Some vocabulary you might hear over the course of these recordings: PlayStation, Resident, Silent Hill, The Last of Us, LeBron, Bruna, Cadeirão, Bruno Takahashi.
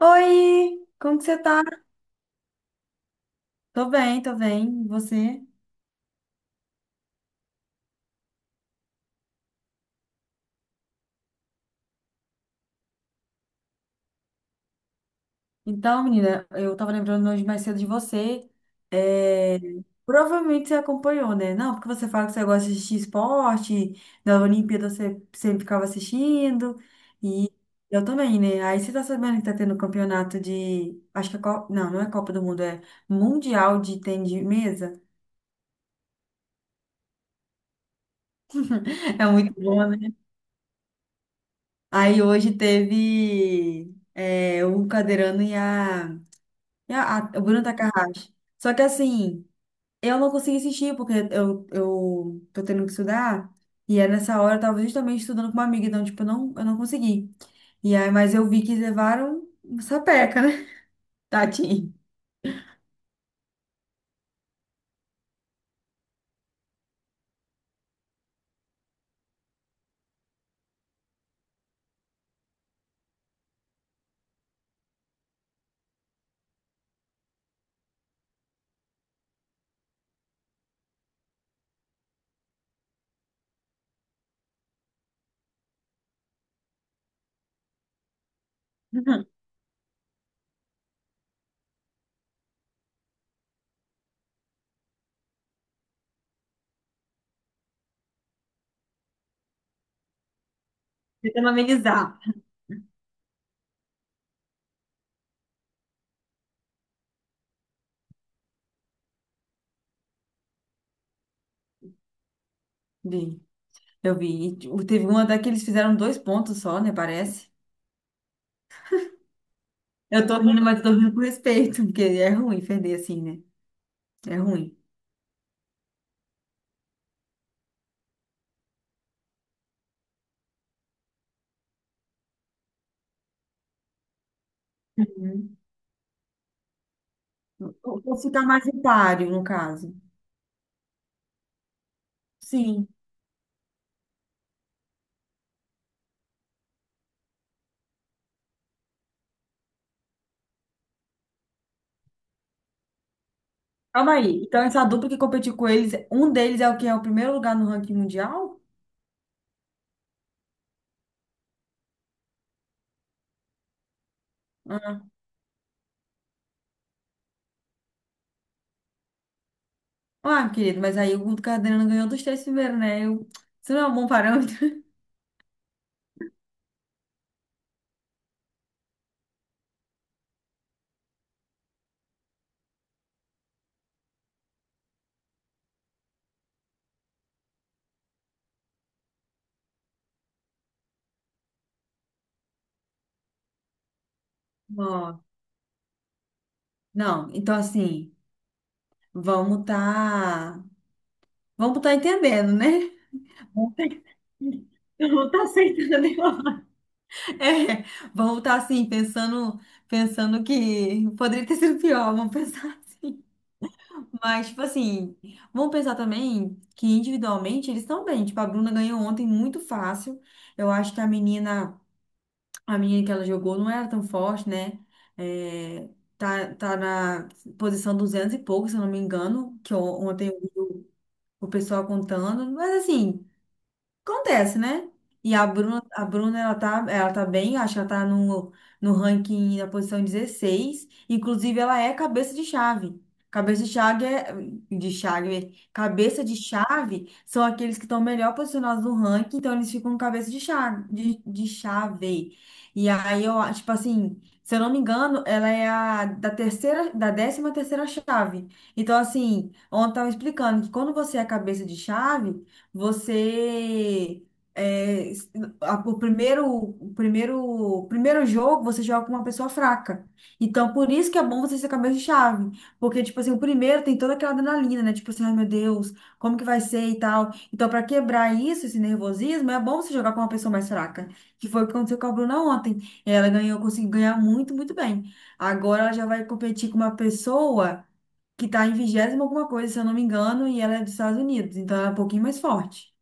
Oi, como que você tá? Tô bem, tô bem. E você? Então, menina, eu tava lembrando hoje mais cedo de você. É, Provavelmente você acompanhou, né? Não, porque você fala que você gosta de assistir esporte, na Olimpíada você sempre ficava assistindo, e eu também, né? Aí você tá sabendo que tá tendo campeonato de. Acho que é Copa. Não, não é Copa do Mundo, é Mundial de Tênis de Mesa. É muito bom, né? Aí hoje teve o Cadeirano e a. O Bruno Takahashi. Só que assim, eu não consegui assistir, porque eu tô tendo que estudar. E é nessa hora eu tava justamente estudando com uma amiga, então, tipo, eu não consegui. E aí, mas eu vi que levaram uma sapeca, né? Tadinho. Tentando amenizar. Vi, eu vi. E, tipo, teve uma até que eles fizeram dois pontos só, né? Parece. Eu tô rindo, mas eu tô rindo com respeito, porque é ruim perder assim, né? É ruim. Uhum. Ou ficar mais em páreo, no caso. Sim. Calma aí. Então, essa dupla que competiu com eles, um deles é o que é o primeiro lugar no ranking mundial? Ah, querido, mas aí o Cardenas ganhou dos três primeiros, né? Eu. Isso não é um bom parâmetro. Ó, não, então assim, vamos tá. Vamos tá entendendo, né? Vamos tá vamos tá aceitando. É, vamos tá assim, pensando que poderia ter sido pior, vamos pensar assim. Mas, tipo assim, vamos pensar também que individualmente eles estão bem. Tipo, a Bruna ganhou ontem muito fácil. Eu acho que a menina que ela jogou não era tão forte, né? É, tá na posição 200 e pouco, se eu não me engano, que ontem o pessoal contando. Mas, assim. Acontece, né? E a Bruna, ela tá bem, acho que ela tá no ranking na posição 16. Inclusive, ela é cabeça de chave. Cabeça de chave é, Cabeça de chave são aqueles que estão melhor posicionados no ranking, então eles ficam cabeça de chave, de chave. E aí eu acho, tipo assim, se eu não me engano, ela é a da terceira, da 13ª chave. Então, assim, ontem eu tava explicando que quando você é cabeça de chave, você é, s- o primeiro jogo você joga com uma pessoa fraca. Então, por isso que é bom você ser cabeça de chave. Porque, tipo assim, o primeiro tem toda aquela adrenalina, né? Tipo assim, ai meu Deus, como que vai ser e tal. Então, para quebrar isso, esse nervosismo, é bom você jogar com uma pessoa mais fraca. Que foi o que aconteceu com a Bruna ontem. Ela ganhou, conseguiu ganhar muito, muito bem. Agora ela já vai competir com uma pessoa que tá em vigésima alguma coisa, se eu não me engano, e ela é dos Estados Unidos, então ela é um pouquinho mais forte.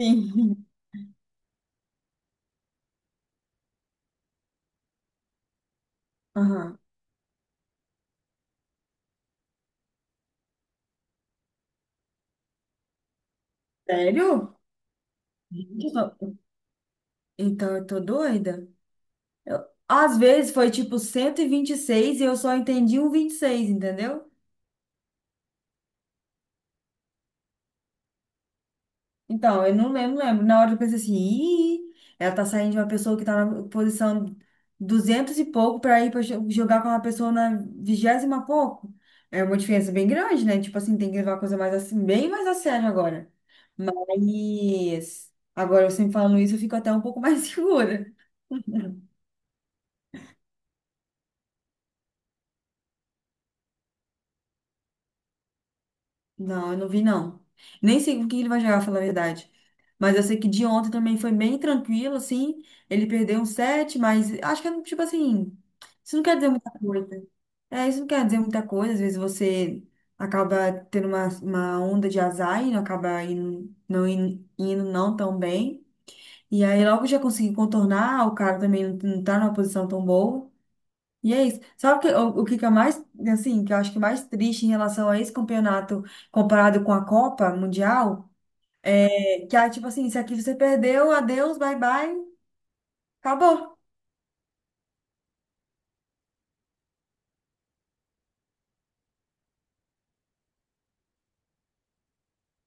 Sim. Aham. Sério? Gente, eu tô-. Então eu tô doida. Eu-, às vezes foi tipo cento e vinte e seis e eu só entendi um 26, entendeu? Então, eu não lembro, não lembro. Na hora eu pensei assim, ih, ela tá saindo de uma pessoa que tá na posição 200 e pouco pra ir pra jogar com uma pessoa na vigésima pouco. É uma diferença bem grande, né? Tipo assim, tem que levar a coisa mais assim, bem mais a sério agora. Mas agora você me falando isso, eu fico até um pouco mais segura. Não, eu não vi, não. Nem sei o que ele vai jogar, pra falar a verdade. Mas eu sei que de ontem também foi bem tranquilo, assim. Ele perdeu um set, mas acho que é tipo assim. Isso não quer dizer muita coisa. É, isso não quer dizer muita coisa. Às vezes você acaba tendo uma onda de azar e não acaba indo não, indo não tão bem. E aí logo já consegui contornar, o cara também não tá numa posição tão boa. E é isso. Sabe o que que é mais, assim, que eu acho que é mais triste em relação a esse campeonato comparado com a Copa Mundial? É que, ah, tipo assim, se aqui você perdeu, adeus, bye bye, acabou.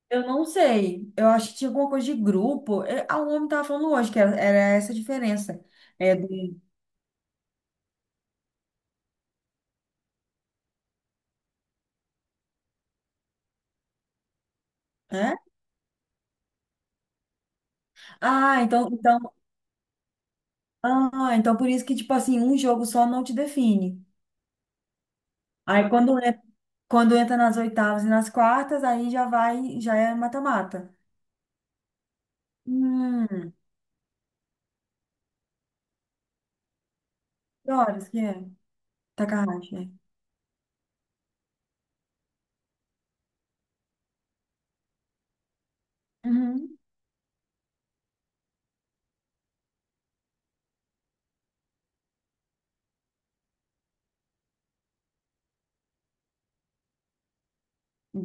Eu não sei. Eu acho que tinha alguma coisa de grupo. O homem tava falando hoje que era essa a diferença. É do, né? Ah, então, então, ah, então por isso que, tipo assim, um jogo só não te define. Aí quando entra nas oitavas e nas quartas, aí já vai, já é mata-mata. Hum. Que horas que é? Takahashi, né? Uhum.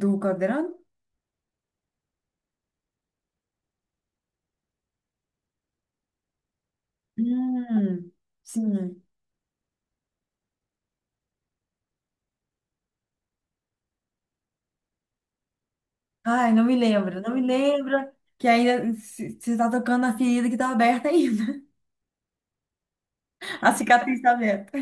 Do Caldeirão? Hum, Sim. Ai, não me lembro, não me lembro. Que ainda se-, você tá tocando na ferida que tá aberta ainda. A cicatriz está aberta.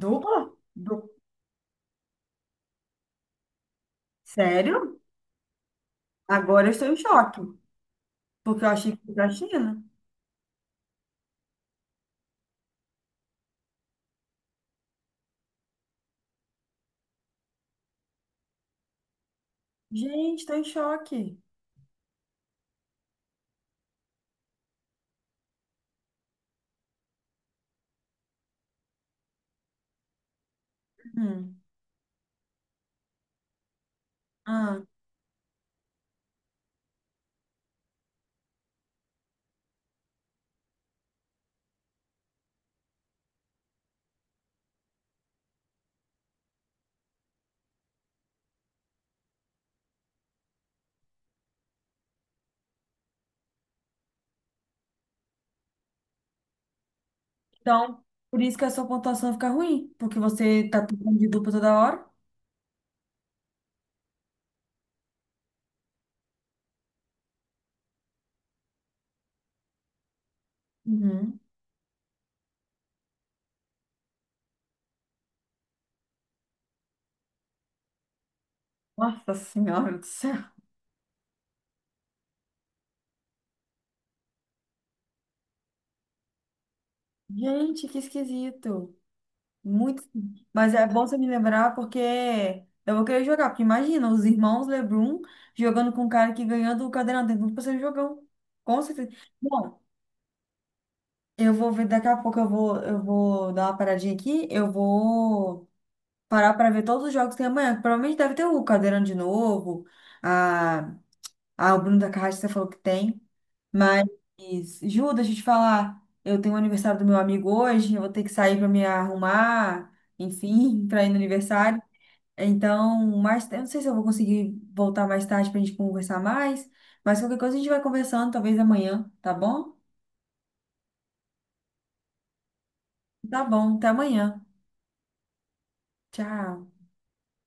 Dupla? Du-, sério? Agora eu estou em choque. Porque eu achei que foi da China. Gente, estou em choque. Hum. Ah, então, por isso que a sua pontuação fica ruim. Porque você tá tocando de dupla toda hora. Uhum. Nossa Senhora do céu. Gente, que esquisito. Muito, mas é bom você me lembrar porque eu vou querer jogar, porque imagina, os irmãos LeBron jogando com o cara que ganhou do Cadeirão, tem tudo pra ser um jogão, com certeza. Bom, eu vou ver, daqui a pouco eu vou dar uma paradinha aqui, eu vou parar para ver todos os jogos que tem amanhã, que provavelmente deve ter o Cadeirão de novo, a, a o Bruno da Carrasco você falou que tem, mas, Ju, deixa eu te falar, eu tenho o aniversário do meu amigo hoje, eu vou ter que sair para me arrumar, enfim, para ir no aniversário. Então, mais, eu não sei se eu vou conseguir voltar mais tarde para a gente conversar mais, mas qualquer coisa a gente vai conversando, talvez amanhã, tá bom? Tá bom, até amanhã. Tchau.